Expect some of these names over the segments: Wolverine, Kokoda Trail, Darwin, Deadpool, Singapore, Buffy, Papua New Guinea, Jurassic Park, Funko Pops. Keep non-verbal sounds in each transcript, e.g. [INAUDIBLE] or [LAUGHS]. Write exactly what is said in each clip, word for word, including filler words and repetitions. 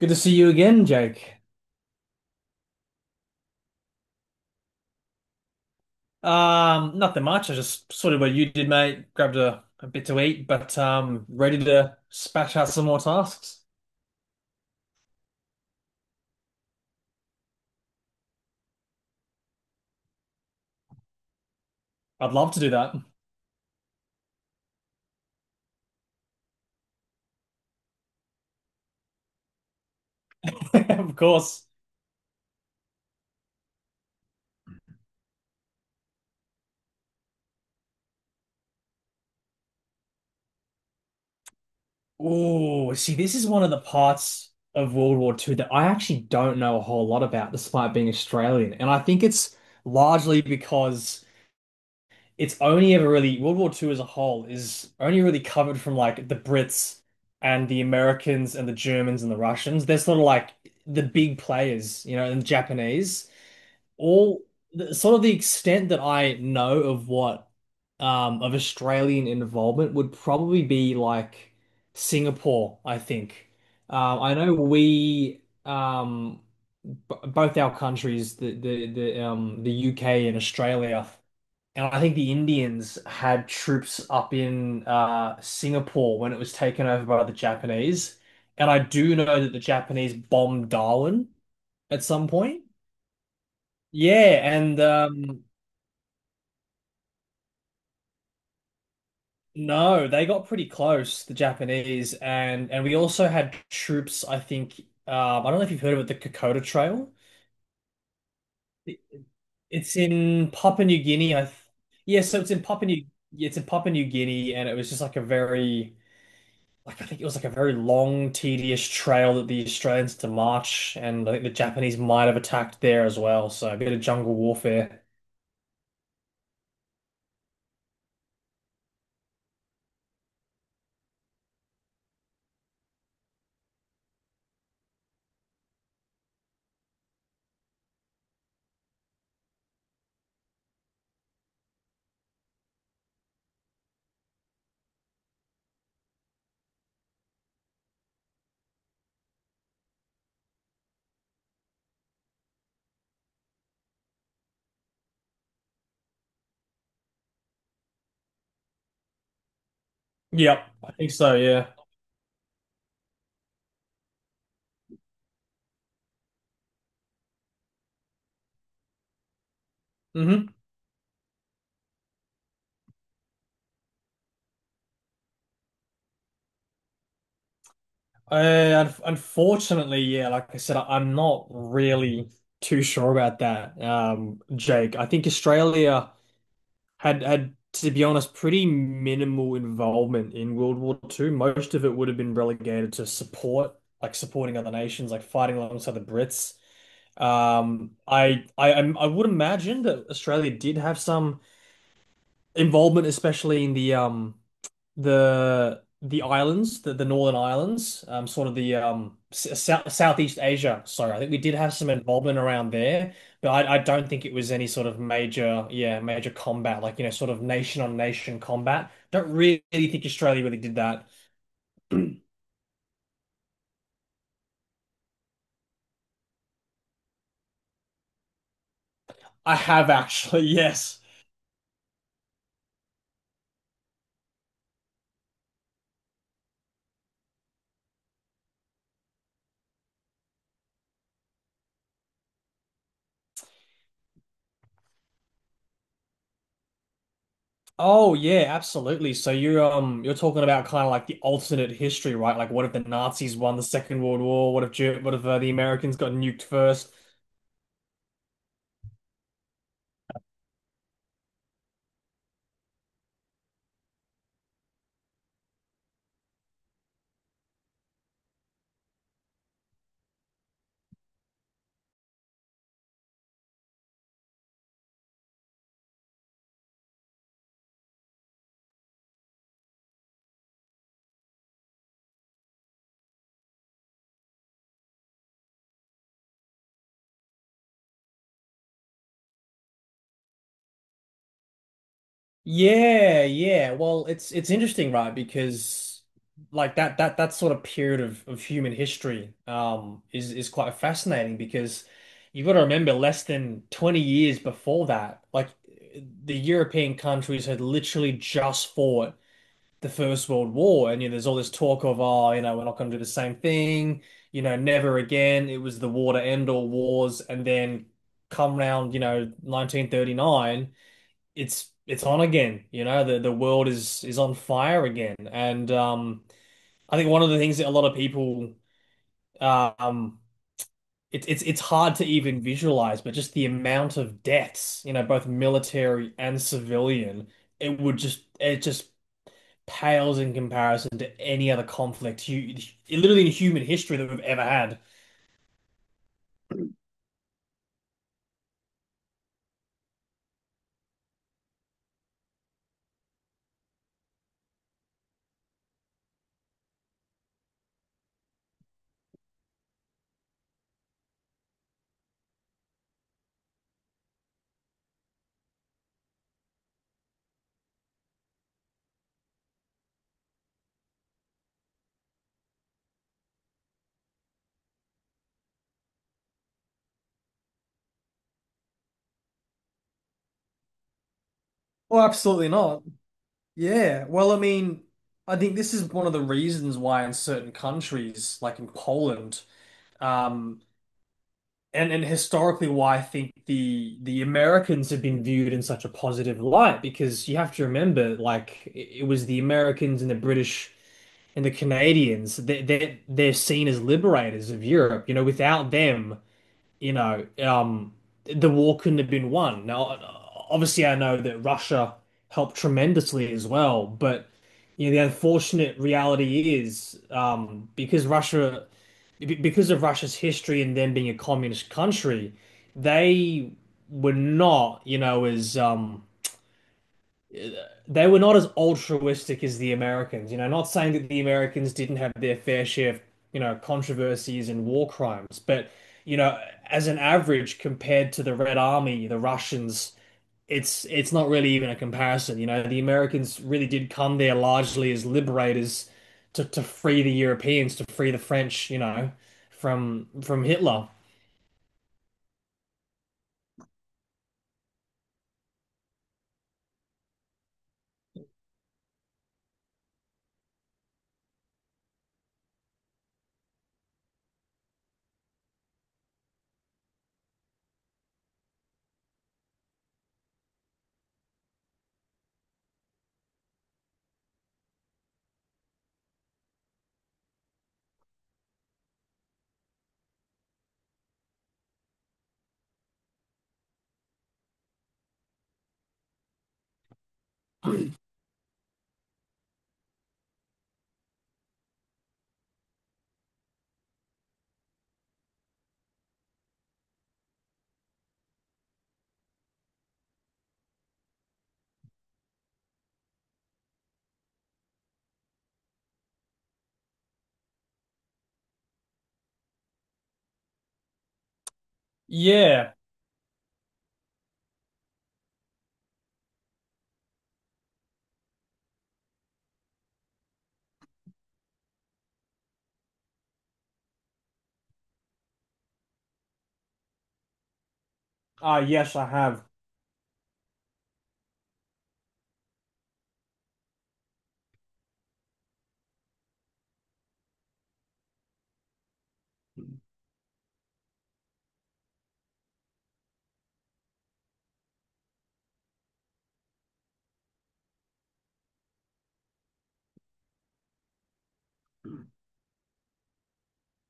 Good to see you again, Jake. Um, nothing much. I just sort of what you did, mate. Grabbed a, a bit to eat, but um, ready to spash out some more tasks. I'd love to do that, [LAUGHS] of course. Oh, see, this is one of the parts of World War Two that I actually don't know a whole lot about, despite being Australian. And I think it's largely because it's only ever really World War Two as a whole is only really covered from like the Brits and the Americans and the Germans and the Russians. They're sort of like the big players, you know, and the Japanese. All the, sort of the extent that I know of what um of Australian involvement would probably be like Singapore, I think. Um, I know we um b both our countries, the the the um the U K and Australia, and I think the Indians had troops up in uh, Singapore when it was taken over by the Japanese. And I do know that the Japanese bombed Darwin at some point. Yeah, and um, no, they got pretty close, the Japanese, and and we also had troops. I think um, I don't know if you've heard of it, the Kokoda Trail. It- It's in Papua New Guinea. I th Yeah, so it's in Papua New it's in Papua New Guinea, and it was just like a very like I think it was like a very long, tedious trail that the Australians had to march, and I think the Japanese might have attacked there as well. So a bit of jungle warfare. Yep, I think so. Yeah. Mm-hmm. Uh, un- unfortunately, yeah, like I said, I- I'm not really too sure about that, um, Jake. I think Australia had had, to be honest, pretty minimal involvement in World War Two. Most of it would have been relegated to support, like supporting other nations, like fighting alongside the Brits. Um, I, I, I'm- I would imagine that Australia did have some involvement, especially in the um the the islands, the, the Northern Islands, um, sort of the um s- South, Southeast Asia. Sorry, I think we did have some involvement around there, but I, I don't think it was any sort of major, yeah, major combat, like you know, sort of nation on nation combat. Don't really think Australia really did that. [CLEARS THROAT] I have actually, [LAUGHS] yes. Oh yeah, absolutely. So you're um you're talking about kind of like the alternate history, right? Like what if the Nazis won the Second World War? What if Ger- what if uh, the Americans got nuked first? Yeah, yeah. Well, it's it's interesting, right? Because like that that that sort of period of of human history um is is quite fascinating because you've got to remember less than twenty years before that, like the European countries had literally just fought the First World War, and you know, there's all this talk of, oh, you know, we're not going to do the same thing, you know, never again. It was the war to end all wars, and then come round, you know, nineteen thirty-nine, it's it's on again. You know, the the world is is on fire again, and um, I think one of the things that a lot of people, um, it's it's it's hard to even visualize, but just the amount of deaths, you know, both military and civilian, it would just it just pales in comparison to any other conflict, hu literally in human history that we've ever had. Oh, absolutely not. Yeah. Well, I mean, I think this is one of the reasons why in certain countries, like in Poland, um, and and historically why I think the the Americans have been viewed in such a positive light, because you have to remember, like, it it was the Americans and the British and the Canadians, they they they're seen as liberators of Europe. You know, without them you know, um, the war couldn't have been won. Now, obviously, I know that Russia helped tremendously as well, but you know, the unfortunate reality is um, because Russia, be- because of Russia's history and them being a communist country, they were not, you know, as um, they were not as altruistic as the Americans. You know, not saying that the Americans didn't have their fair share of, you know, controversies and war crimes, but, you know, as an average compared to the Red Army, the Russians, it's it's not really even a comparison. You know, the Americans really did come there largely as liberators to, to free the Europeans, to free the French, you know, from from Hitler. Yeah. Ah, yes, I have.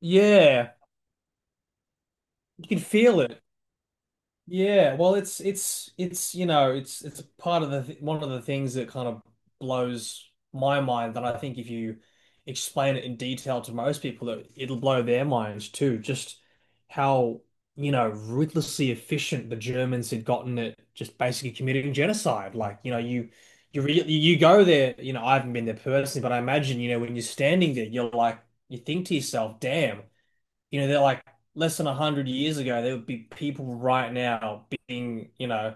Yeah. You can feel it. Yeah, well, it's it's it's you know it's it's a part of the th one of the things that kind of blows my mind that I think if you explain it in detail to most people that it'll blow their minds too. Just how you know ruthlessly efficient the Germans had gotten at just basically committing genocide. Like you know you you re you go there. You know I haven't been there personally, but I imagine you know when you're standing there, you're like you think to yourself, damn, you know, they're like less than a hundred years ago, there would be people right now being, you know,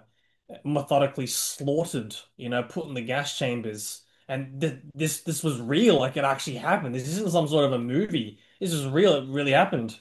methodically slaughtered, you know, put in the gas chambers. And th this this was real, like it actually happened. This isn't some sort of a movie. This is real. It really happened.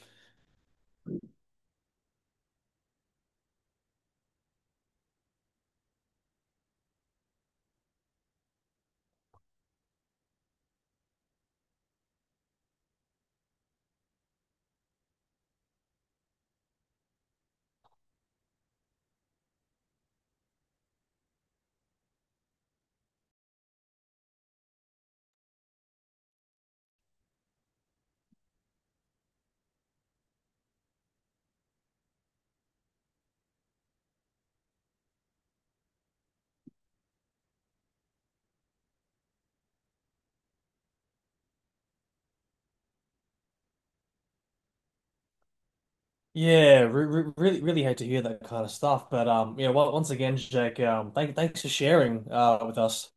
Yeah, re re really, really hate to hear that kind of stuff. But um, yeah, well, once again, Jake, um, thank thanks for sharing uh with us.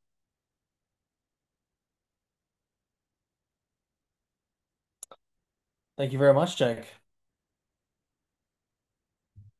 Thank you very much, Jake.